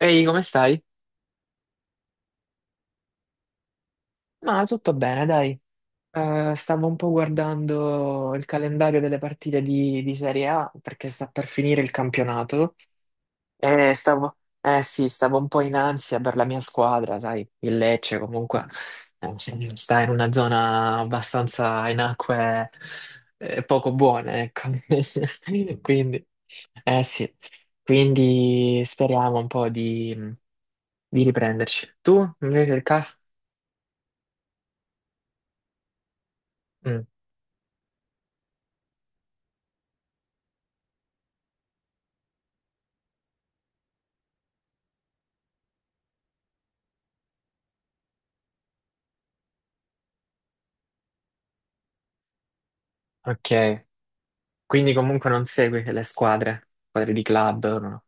Ehi, come stai? Ma tutto bene, dai. Stavo un po' guardando il calendario delle partite di Serie A perché sta per finire il campionato e stavo, eh sì, stavo un po' in ansia per la mia squadra, sai, il Lecce comunque eh, sta in una zona abbastanza in acque poco buone, ecco. Quindi, eh sì, quindi speriamo un po' di riprenderci. Tu, invece, il CAF? Ok, quindi comunque non segui le squadre di club, no?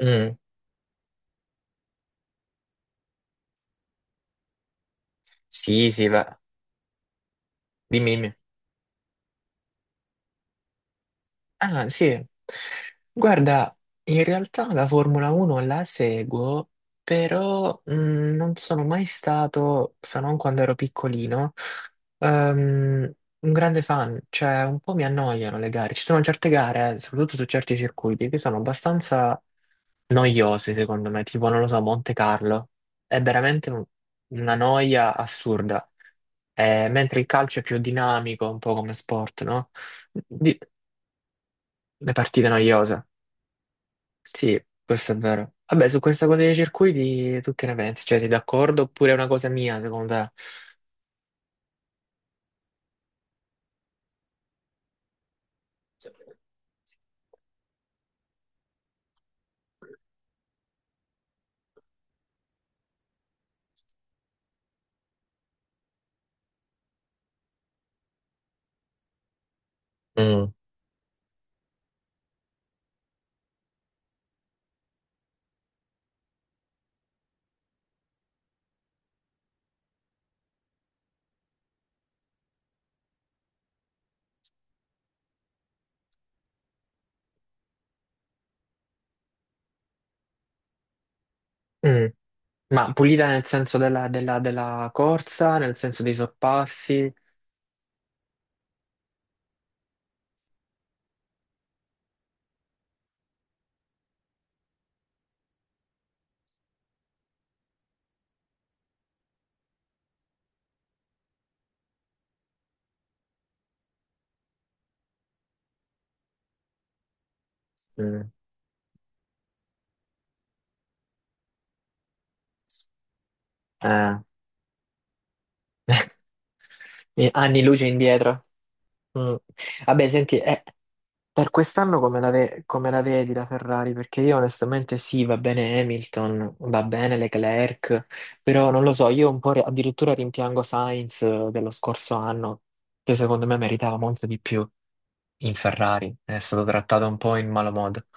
Mm. Sì, sì, va. Dimmi, dimmi. Ah, sì. Guarda, in realtà la Formula 1 la seguo, però non sono mai stato, se non quando ero piccolino, ehm, un grande fan. Cioè, un po' mi annoiano le gare. Ci sono certe gare, soprattutto su certi circuiti, che sono abbastanza noiosi secondo me, tipo non lo so, Monte Carlo è veramente una noia assurda. Mentre il calcio è più dinamico, un po' come sport, no? Di- le partite noiose, sì, questo è vero. Vabbè, su questa cosa dei circuiti tu che ne pensi? Cioè, sei d'accordo oppure è una cosa mia secondo te? Mm. Mm. Ma pulita nel senso della corsa, nel senso dei sorpassi. Mm. Eh, anni luce indietro. Mm. Vabbè, senti, per quest'anno come come la vedi la Ferrari? Perché io onestamente sì, va bene Hamilton, va bene Leclerc, però non lo so, io addirittura rimpiango Sainz dello scorso anno, che secondo me meritava molto di più in Ferrari, è stato trattato un po' in malo modo.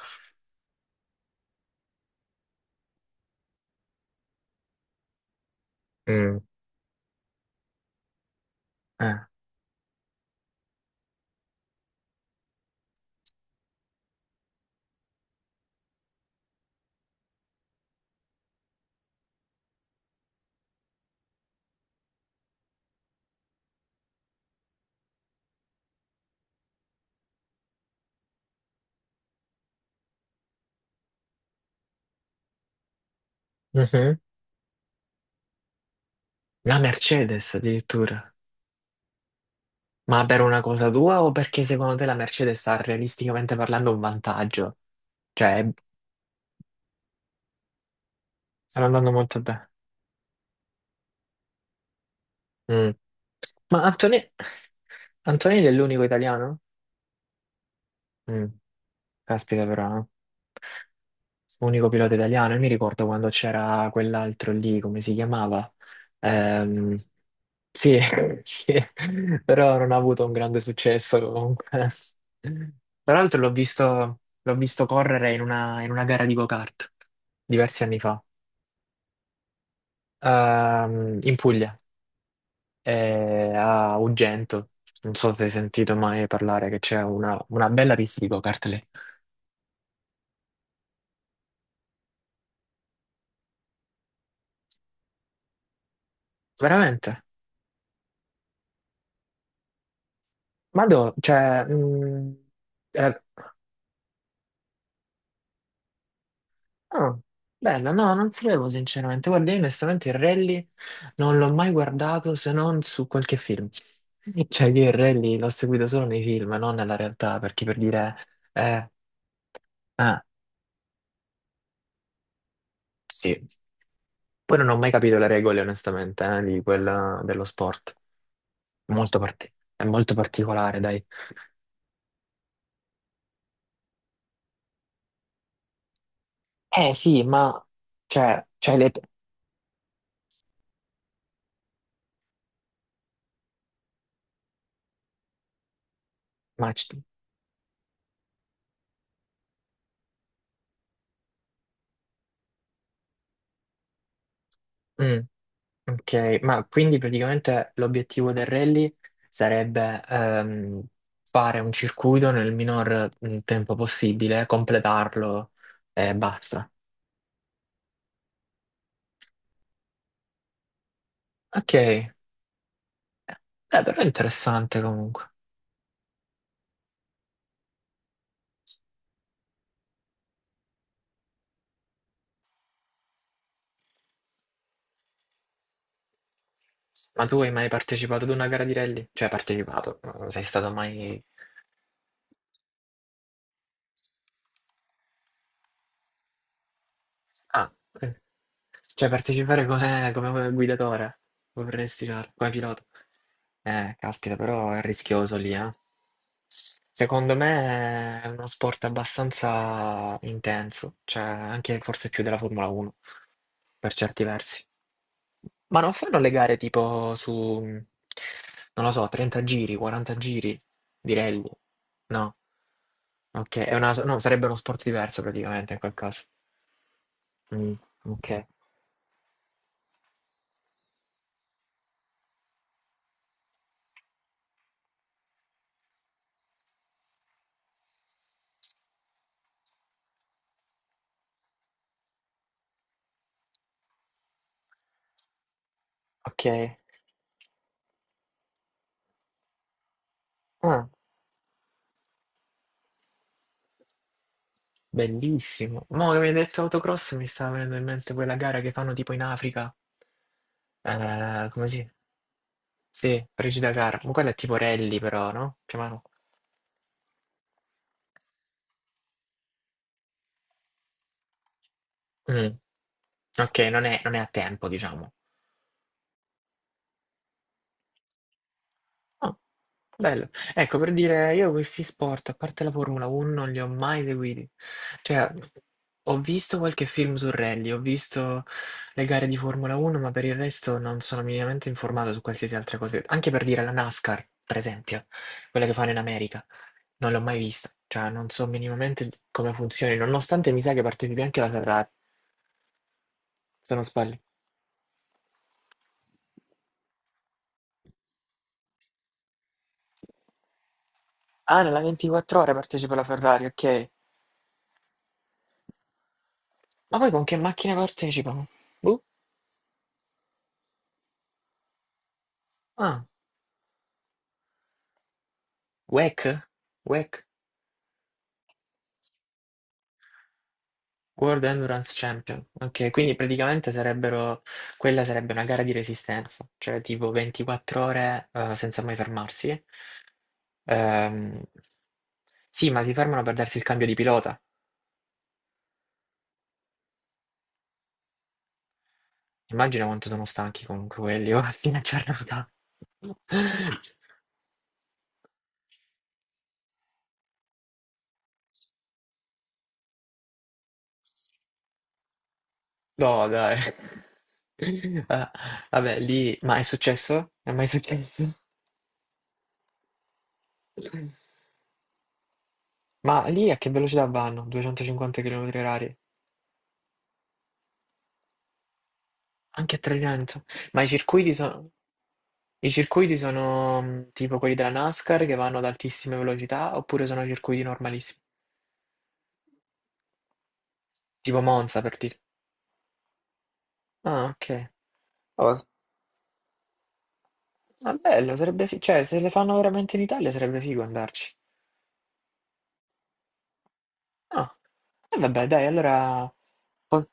Mm. Eh. Mhm. La Mercedes addirittura. Ma per una cosa tua o perché secondo te la Mercedes ha realisticamente parlando un vantaggio? Cioè, stanno andando molto bene. Ma Antone... Antonelli è l'unico italiano? Mm, caspita però, eh. Unico pilota italiano. Io mi ricordo quando c'era quell'altro lì, come si chiamava? Ehm, sì, sì, però non ha avuto un grande successo comunque. Tra l'altro l'ho visto correre in una gara di go-kart diversi anni fa. In Puglia, a Ugento. Non so se hai sentito mai parlare che c'è una bella pista di go-kart lì. Veramente? Ma dove? Cioè, eh, ah, bella, no, non sapevo sinceramente. Guarda, io onestamente il rally non l'ho mai guardato se non su qualche film. Cioè, io il rally l'ho seguito solo nei film, non nella realtà, perché per dire, eh, ah, sì. Poi non ho mai capito le regole, onestamente, di quella, dello sport. È molto particolare, dai. Eh sì, ma, cioè, c'hai le... Ma, c- mm. Ok, ma quindi praticamente l'obiettivo del rally sarebbe fare un circuito nel minor tempo possibile, completarlo e basta. Ok, però è interessante comunque. Ma tu hai mai partecipato ad una gara di rally? Cioè, partecipato, non sei stato mai... Ah, ok. Cioè partecipare come guidatore, vorresti fare, come pilota. Caspita, però è rischioso lì, eh. Secondo me è uno sport abbastanza intenso, cioè anche forse più della Formula 1, per certi versi. Ma non fanno le gare non lo so, 30 giri, 40 giri di rally? No, ok, è una, no, sarebbe uno sport diverso praticamente in quel caso. Mm, ok, ok. Ah, bellissimo. Mo' che mi hai detto autocross mi stava venendo in mente quella gara che fanno tipo in Africa. Come si? Sì, Frigida Car. Ma quella è tipo rally però, no? Più o meno. Mm. Ok, non è a tempo, diciamo. Ah, bello. Ecco, per dire, io questi sport, a parte la Formula 1, non li ho mai seguiti. Cioè, ho visto qualche film su rally, ho visto le gare di Formula 1, ma per il resto non sono minimamente informato su qualsiasi altra cosa. Anche per dire la NASCAR, per esempio, quella che fanno in America, non l'ho mai vista. Cioè, non so minimamente come funzioni, nonostante mi sa che partecipi anche la Ferrari, se non sbaglio. Ah, nella 24 ore partecipa la Ferrari, ok. Ma poi con che macchina partecipano? Boh. Ah. WEC? WEC, World Endurance Champion. Ok, quindi praticamente sarebbero, quella sarebbe una gara di resistenza, cioè tipo 24 ore senza mai fermarsi. Ehm, sì, ma si fermano per darsi il cambio di pilota. Immagina quanto sono stanchi comunque quelli, ora a fine giornata. No, dai. Ah, vabbè, lì, ma è successo? È mai successo? Ma lì a che velocità vanno? 250 km orari? Anche a Agrigento. Ma i circuiti sono tipo quelli della NASCAR che vanno ad altissime velocità oppure sono circuiti normalissimi? Tipo Monza per dire. Ah, ok. Oh, ma bello, sarebbe cioè se le fanno veramente in Italia sarebbe figo andarci. Ah, e vabbè, dai, allora... poi-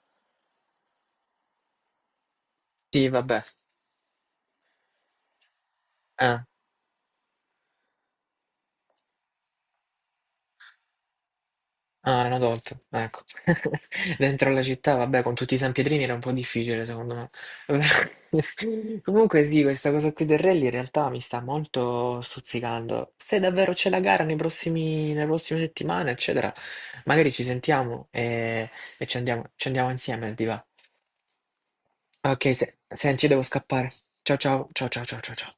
sì, vabbè. Eh. Ah, erano adulti, ecco. Dentro la città, vabbè, con tutti i sanpietrini era un po' difficile, secondo me. Comunque sì, questa cosa qui del rally in realtà mi sta molto stuzzicando. Se davvero c'è la gara nei nelle prossime settimane, eccetera, magari ci sentiamo e ci andiamo insieme, ti va? Ok, senti, io devo scappare. Ciao ciao, ciao ciao ciao ciao, ciao.